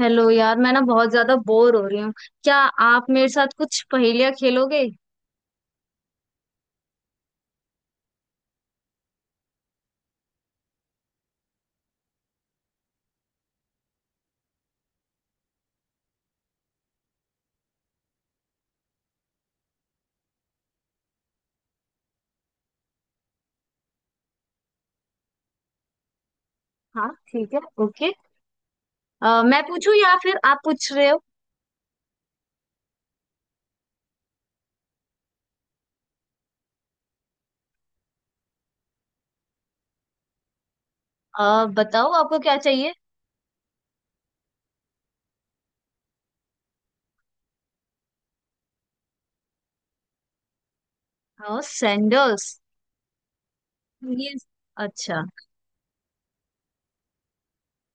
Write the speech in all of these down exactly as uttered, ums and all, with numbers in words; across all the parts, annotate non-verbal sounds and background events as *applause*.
Hello यार, मैं ना बहुत ज्यादा बोर हो रही हूँ। क्या आप मेरे साथ कुछ पहेलियाँ खेलोगे? हाँ ठीक है, ओके। अ, मैं पूछूं या फिर आप पूछ रहे हो? अ, बताओ आपको क्या चाहिए। अ, सैंडल्स? ये? अच्छा।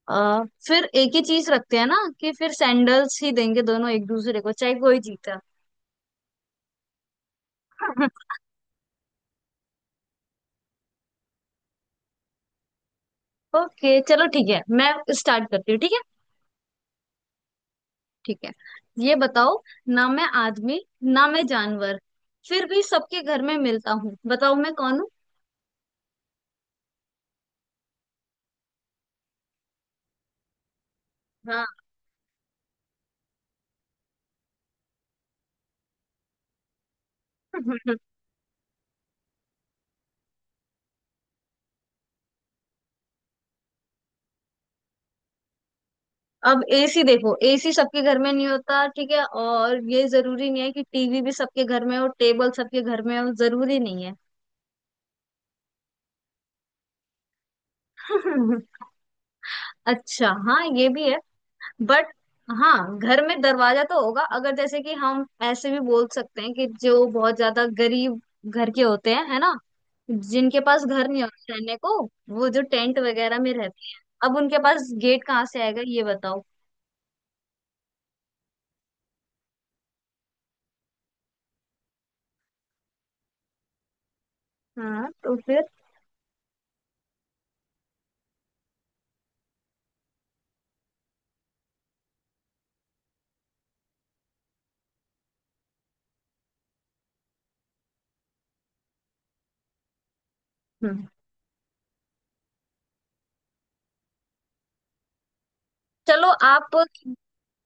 अ, फिर एक ही चीज रखते हैं ना, कि फिर सैंडल्स ही देंगे दोनों एक दूसरे को, चाहे कोई जीता। *laughs* ओके चलो ठीक है, मैं स्टार्ट करती हूँ, ठीक है? ठीक है। ये बताओ, ना मैं आदमी, ना मैं जानवर, फिर भी सबके घर में मिलता हूँ। बताओ मैं कौन हूँ। हम्म, अब एसी देखो, एसी सबके घर में नहीं होता ठीक है, और ये जरूरी नहीं है कि टीवी भी सबके घर में हो, टेबल सबके घर में हो जरूरी नहीं है। *laughs* अच्छा हाँ, ये भी है। बट हाँ, घर में दरवाजा तो होगा। अगर जैसे कि हम ऐसे भी बोल सकते हैं कि जो बहुत ज्यादा गरीब घर के होते हैं, है ना, जिनके पास घर नहीं होता रहने को, वो जो टेंट वगैरह में रहते हैं, अब उनके पास गेट कहाँ से आएगा ये बताओ। हाँ तो फिर। हम्म, चलो आप।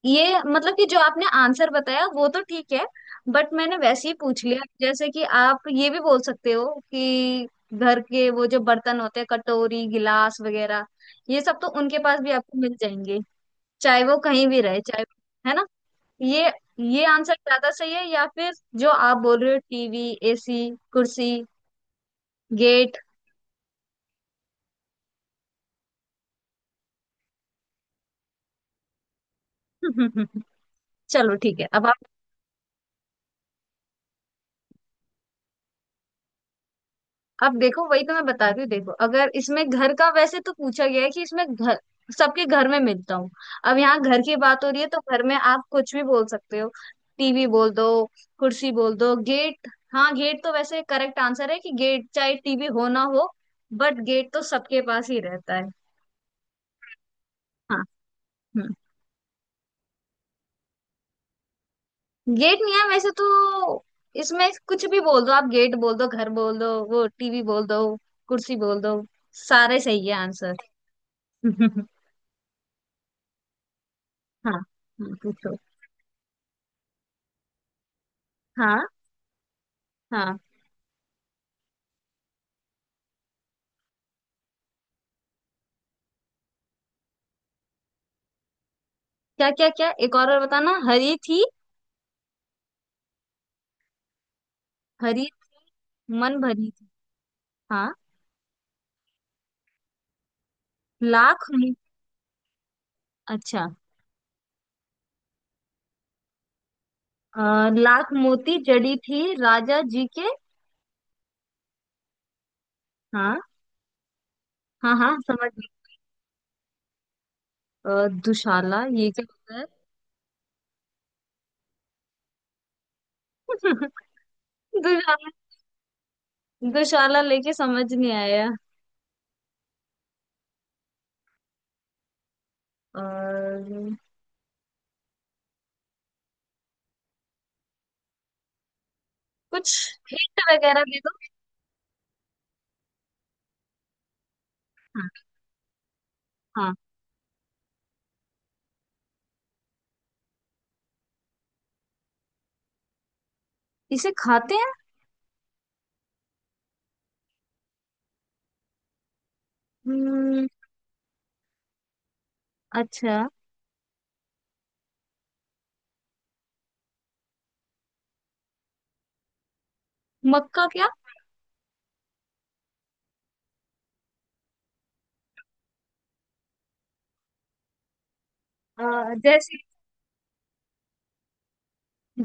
ये मतलब कि जो आपने आंसर बताया वो तो ठीक है, बट मैंने वैसे ही पूछ लिया, जैसे कि आप ये भी बोल सकते हो कि घर के वो जो बर्तन होते हैं, कटोरी गिलास वगैरह, ये सब तो उनके पास भी आपको मिल जाएंगे, चाहे वो कहीं भी रहे चाहे, है ना। ये ये आंसर ज्यादा सही है या फिर जो आप बोल रहे हो, टीवी एसी कुर्सी गेट? *laughs* चलो ठीक है। अब अब देखो, वही तो मैं बता रही हूँ। देखो अगर इसमें घर का, वैसे तो पूछा गया है कि इसमें घर, सबके घर में मिलता हूँ। अब यहाँ घर की बात हो रही है तो घर में आप कुछ भी बोल सकते हो। टीवी बोल दो, कुर्सी बोल दो, गेट। हाँ, गेट तो वैसे करेक्ट आंसर है कि गेट, चाहे टीवी हो ना हो, बट गेट तो सबके पास ही रहता है। हाँ। हम्म। गेट नहीं है वैसे तो, इसमें कुछ भी बोल दो आप, गेट बोल दो, घर बोल दो, वो टीवी बोल दो, कुर्सी बोल दो, सारे सही है आंसर। *laughs* हाँ। हाँ, पूछो। हाँ। हाँ। क्या क्या क्या, एक और बार बताना। हरी थी। हरी। मन भरी थी। हाँ। लाख मो-। अच्छा। अ, लाख मोती जड़ी थी राजा जी के। हाँ, हाँ हाँ, समझ गई। अ, दुशाला ये क्या होता है? *laughs* दुशाला, दुशाला लेके समझ नहीं आया। और कुछ? हिंट वगैरह दे दो। हाँ। हाँ। इसे खाते हैं? हम्म, अच्छा। मक्का क्या? अ, जैसे,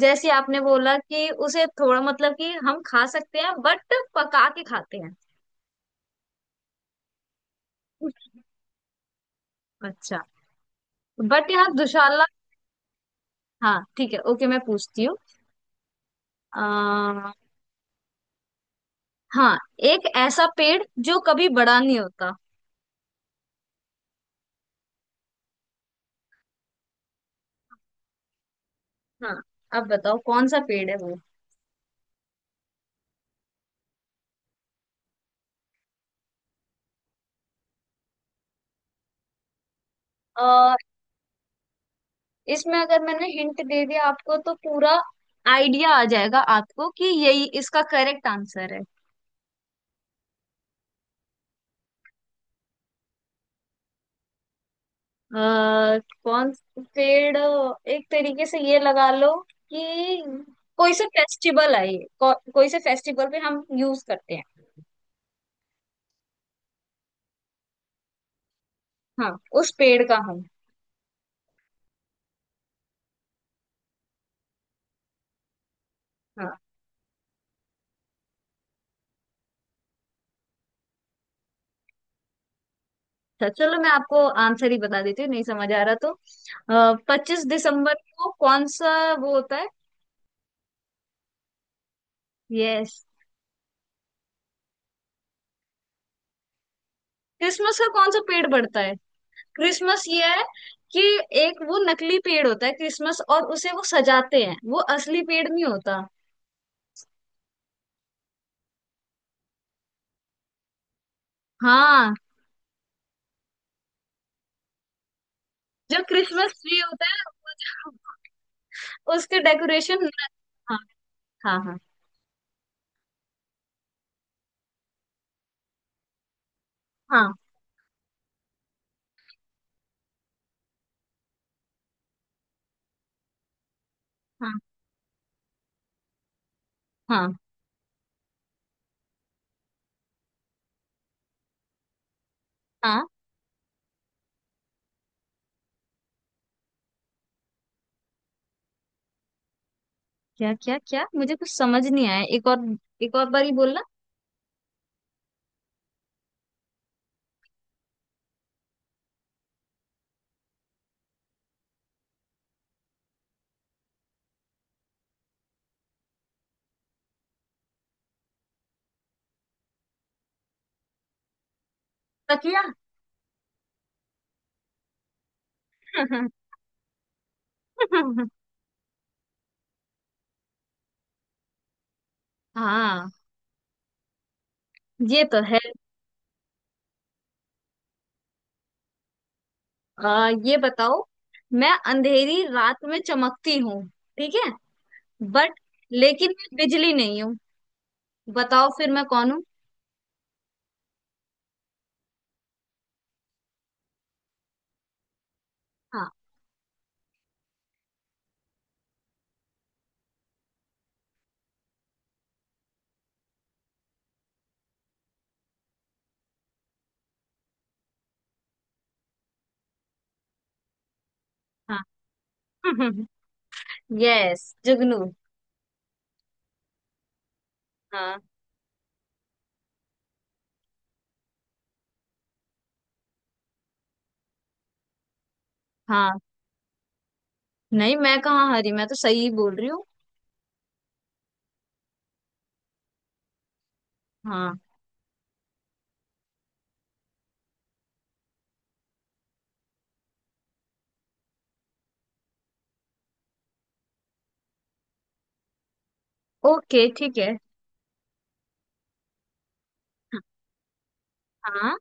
जैसे आपने बोला कि उसे थोड़ा मतलब कि हम खा सकते हैं बट पका के खाते हैं। अच्छा। बट यहाँ दुशाला। हाँ ठीक है, ओके, मैं पूछती हूँ। अह, हाँ। एक ऐसा पेड़ जो कभी बड़ा नहीं होता। हाँ। अब बताओ कौन सा पेड़ है वो। अह, इसमें अगर मैंने हिंट दे दिया आपको, तो पूरा आइडिया आ जाएगा आपको कि यही इसका करेक्ट आंसर है। अ, कौन पेड़? एक तरीके से ये लगा लो कि कोई सा फेस्टिवल है ये को, कोई से फेस्टिवल पे हम यूज करते हैं। हाँ, उस पेड़ का हम। हाँ। अच्छा चलो, मैं आपको आंसर ही बता देती हूँ, नहीं समझ आ रहा तो। पच्चीस दिसंबर को कौन सा वो होता है? यस। क्रिसमस का कौन सा पेड़ बढ़ता है? क्रिसमस ये है कि एक वो नकली पेड़ होता है क्रिसमस, और उसे वो सजाते हैं, वो असली पेड़ नहीं होता। हाँ, जो क्रिसमस ट्री होता है, वो जो उसके डेकोरेशन। हाँ। हाँ हाँ। हाँ। हाँ। हाँ। हाँ। क्या क्या क्या, मुझे कुछ समझ नहीं आया, एक और, एक और बार ही बोलना। तकिया। *laughs* हाँ, ये तो है। आ, ये बताओ, मैं अंधेरी रात में चमकती हूँ, ठीक है, बट, लेकिन मैं बिजली नहीं हूँ, बताओ फिर मैं कौन हूँ। हाँ। हाँ। *laughs* यस, जुगनू। हाँ। हाँ, नहीं, मैं कहाँ हरी, मैं तो सही बोल रही हूँ। हाँ। ओके ठीक है। हाँ।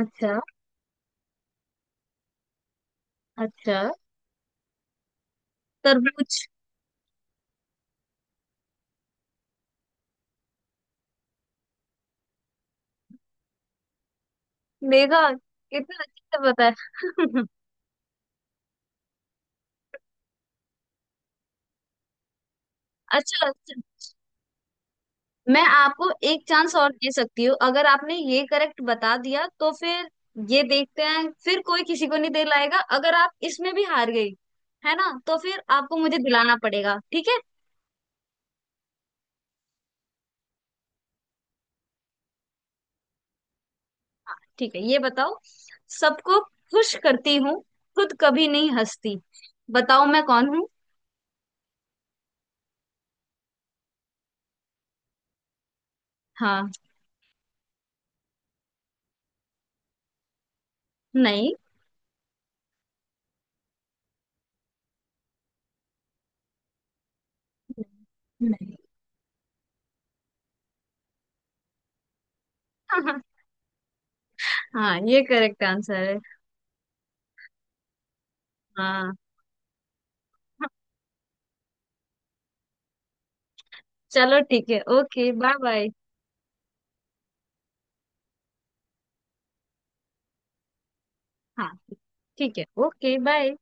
अच्छा अच्छा। तरबूज। देखा कितना अच्छे से पता है। *laughs* अच्छा अच्छा, मैं आपको एक चांस और दे सकती हूँ, अगर आपने ये करेक्ट बता दिया तो फिर, ये देखते हैं, फिर कोई किसी को नहीं दिलाएगा, अगर आप इसमें भी हार गई, है ना, तो फिर आपको मुझे दिलाना पड़ेगा, ठीक है। हाँ ठीक है, ये बताओ, सबको खुश करती हूँ, खुद कभी नहीं हंसती, बताओ मैं कौन हूँ। हाँ। नहीं। नहीं। *laughs* हाँ, ये करेक्ट आंसर है। हाँ। चलो ठीक है, ओके, बाय बाय। हाँ ठीक है, ओके बाय।